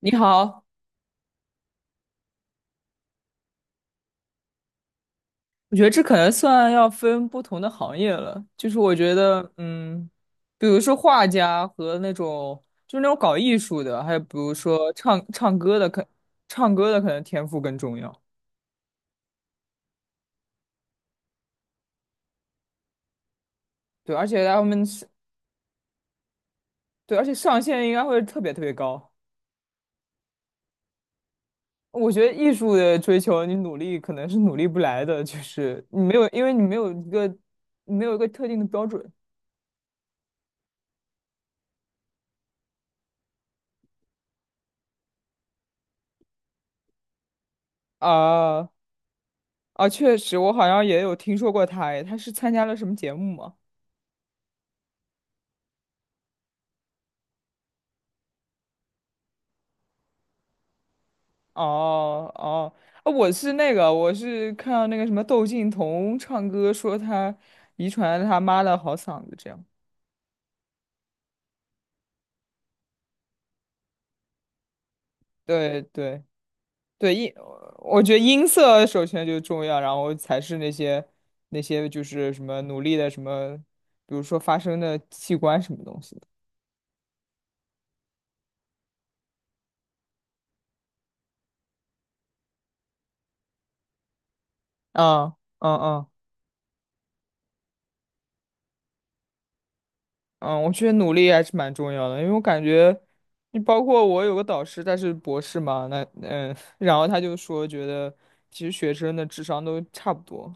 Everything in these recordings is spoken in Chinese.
你好。我觉得这可能算要分不同的行业了。就是我觉得，比如说画家和那种搞艺术的，还有比如说唱歌的可能天赋更重要。对，而且他们是，对，而且上限应该会特别特别高。我觉得艺术的追求，你努力可能是努力不来的，就是你没有，因为你没有一个特定的标准。啊啊，确实，我好像也有听说过他。哎，他是参加了什么节目吗？哦哦，我是看到那个什么窦靖童唱歌，说他遗传了他妈的好嗓子，这样。对对对，我觉得音色首先就重要，然后才是那些就是什么努力的什么，比如说发声的器官什么东西的。嗯嗯。嗯，我觉得努力还是蛮重要的，因为我感觉，你包括我有个导师，他是博士嘛，那然后他就说，觉得其实学生的智商都差不多。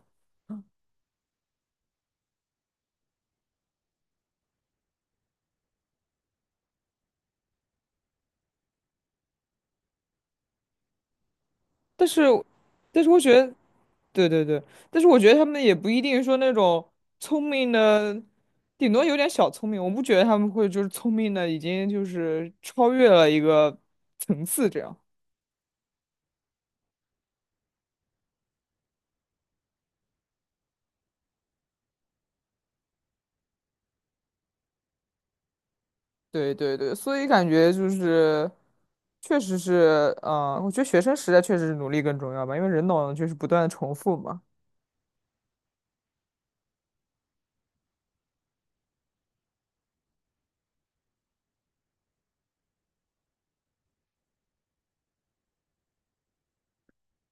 但是，但是我觉得，对对对，但是我觉得他们也不一定说那种聪明的，顶多有点小聪明，我不觉得他们会就是聪明的已经就是超越了一个层次这样。对对对，所以感觉就是，确实是，我觉得学生时代确实是努力更重要吧，因为人脑就是不断的重复嘛。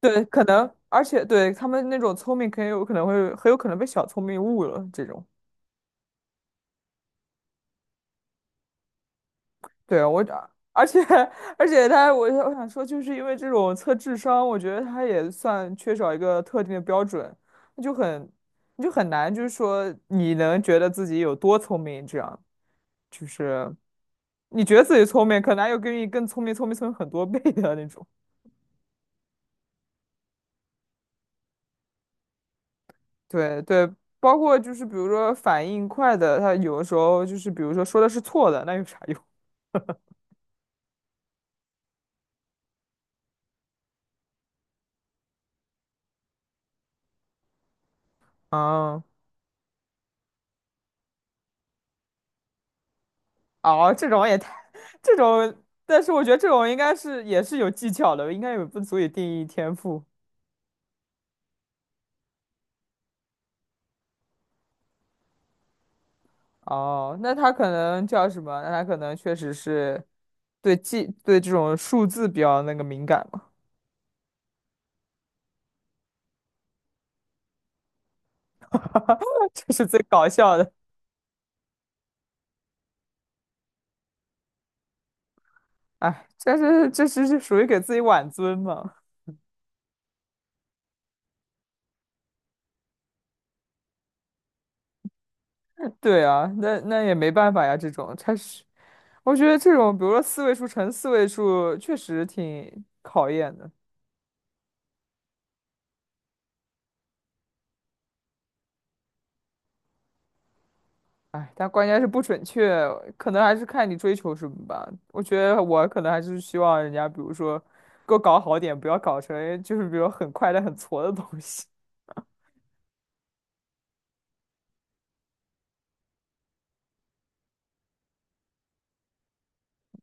对，可能，而且对他们那种聪明，很有可能被小聪明误了这种。对，我，而且 而且他，我想说，就是因为这种测智商，我觉得他也算缺少一个特定的标准，那就很，你就很难，就是说你能觉得自己有多聪明，这样就是。你觉得自己聪明，可能还有比你更聪明、聪明、聪明很多倍的那种。对对，包括就是比如说反应快的，他有的时候就是比如说说的是错的，那有啥用？啊、哦，这种也太，这种，但是我觉得这种应该是也是有技巧的，应该也不足以定义天赋。哦，那他可能叫什么？那他可能确实是对记对这种数字比较那个敏感嘛。这是最搞笑的。哎，这属于给自己挽尊嘛。对啊，那也没办法呀，这种它是，我觉得这种比如说四位数乘四位数确实挺考验的。哎，但关键是不准确，可能还是看你追求什么吧。我觉得我可能还是希望人家比如说给我搞好点，不要搞成就是比如很快的很挫的东西。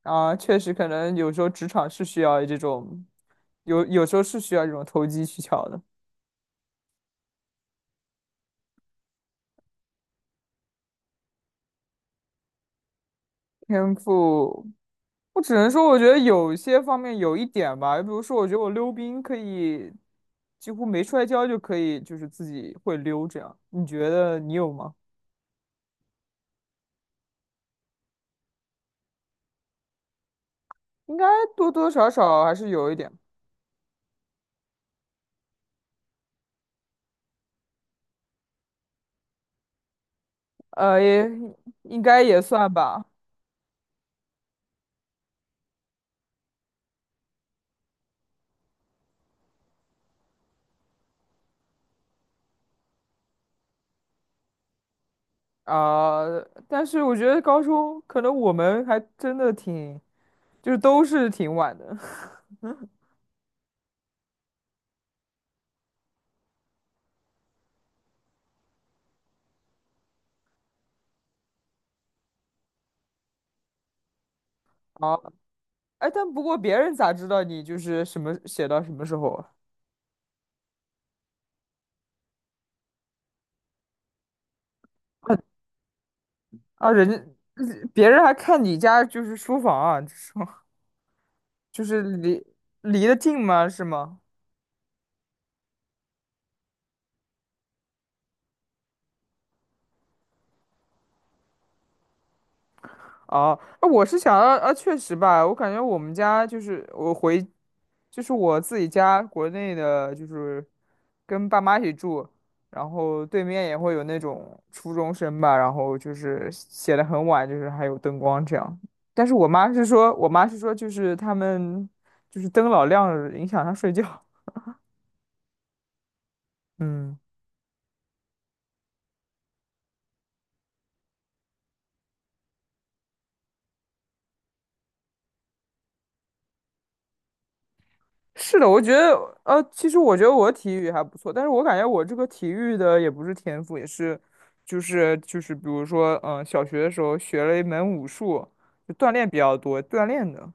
确实，可能有时候职场是需要这种，有时候是需要这种投机取巧的天赋。我只能说，我觉得有些方面有一点吧。比如说，我觉得我溜冰可以几乎没摔跤就可以，就是自己会溜这样。你觉得你有吗？应该多多少少还是有一点。呃，也应该也算吧。啊、但是我觉得高中可能我们还真的挺，就是都是挺晚的。啊，哎，但不过别人咋知道你就是什么写到什么时候啊？啊，别人还看你家就是书房啊，这是。就是离离得近吗？是吗？哦，啊，我是想要啊，确实吧，我感觉我们家就是我回，就是我自己家国内的，就是跟爸妈一起住，然后对面也会有那种初中生吧，然后就是写的很晚，就是还有灯光这样。但是我妈是说,就是他们就是灯老亮了影响他睡觉。嗯。是的，我觉得，其实我觉得我体育还不错，但是我感觉我这个体育的也不是天赋，也是，比如说，小学的时候学了一门武术，就锻炼比较多，锻炼的。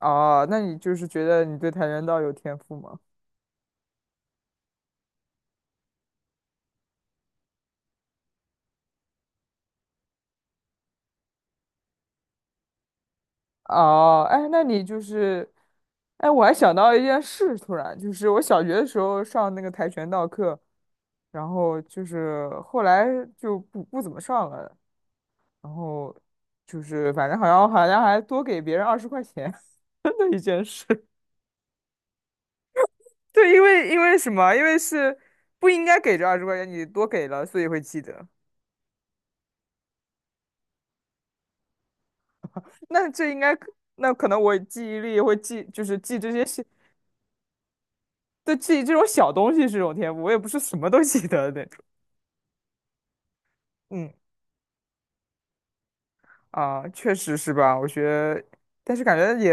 哦，那你就是觉得你对跆拳道有天赋吗？哦，哎，那你就是，哎，我还想到一件事，突然就是我小学的时候上那个跆拳道课，然后就是后来就不怎么上了，然后就是反正好像还多给别人二十块钱 的一件事。对，因为因为什么？因为是不应该给这二十块钱，你多给了，所以会记得。那这应该，那可能我记忆力会记，就是记这些小，对，记这种小东西是种天赋，我也不是什么都记得的那种。嗯确实是吧？我觉得，但是感觉也，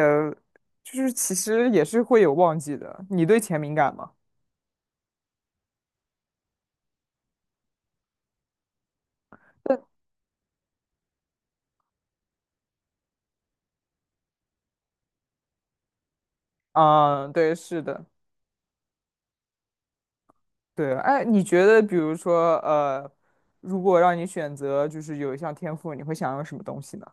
就是其实也是会有忘记的。你对钱敏感吗？对。啊，对，是的。对，哎，你觉得比如说，如果让你选择，就是有一项天赋，你会想要什么东西呢？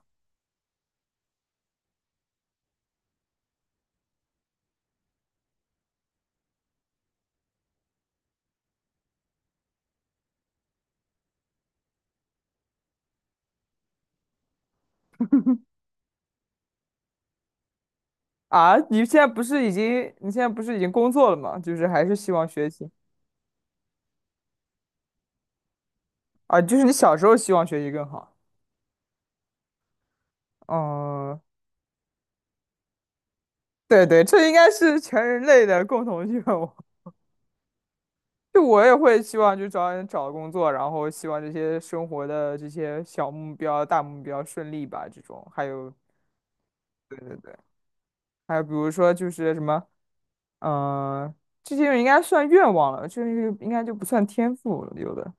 啊，你现在不是已经工作了吗？就是还是希望学习。啊，就是你小时候希望学习更好。嗯，对对，这应该是全人类的共同愿望。就我也会希望，就找人找工作，然后希望这些生活的这些小目标、大目标顺利吧，这种。还有，对对对，还有比如说就是什么。嗯，这些应该算愿望了，这个应该就不算天赋了，有的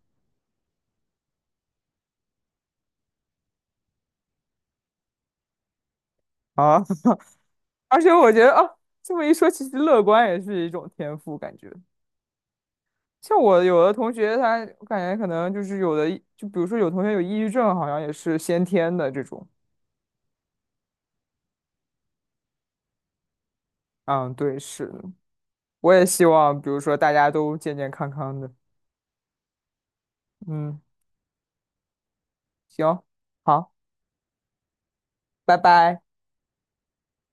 啊。而且我觉得啊，这么一说，其实乐观也是一种天赋，感觉。像我有的同学他，我感觉可能就是有的，就比如说有同学有抑郁症，好像也是先天的这种。嗯，对，是的。我也希望，比如说大家都健健康康的。嗯，行，好，拜拜。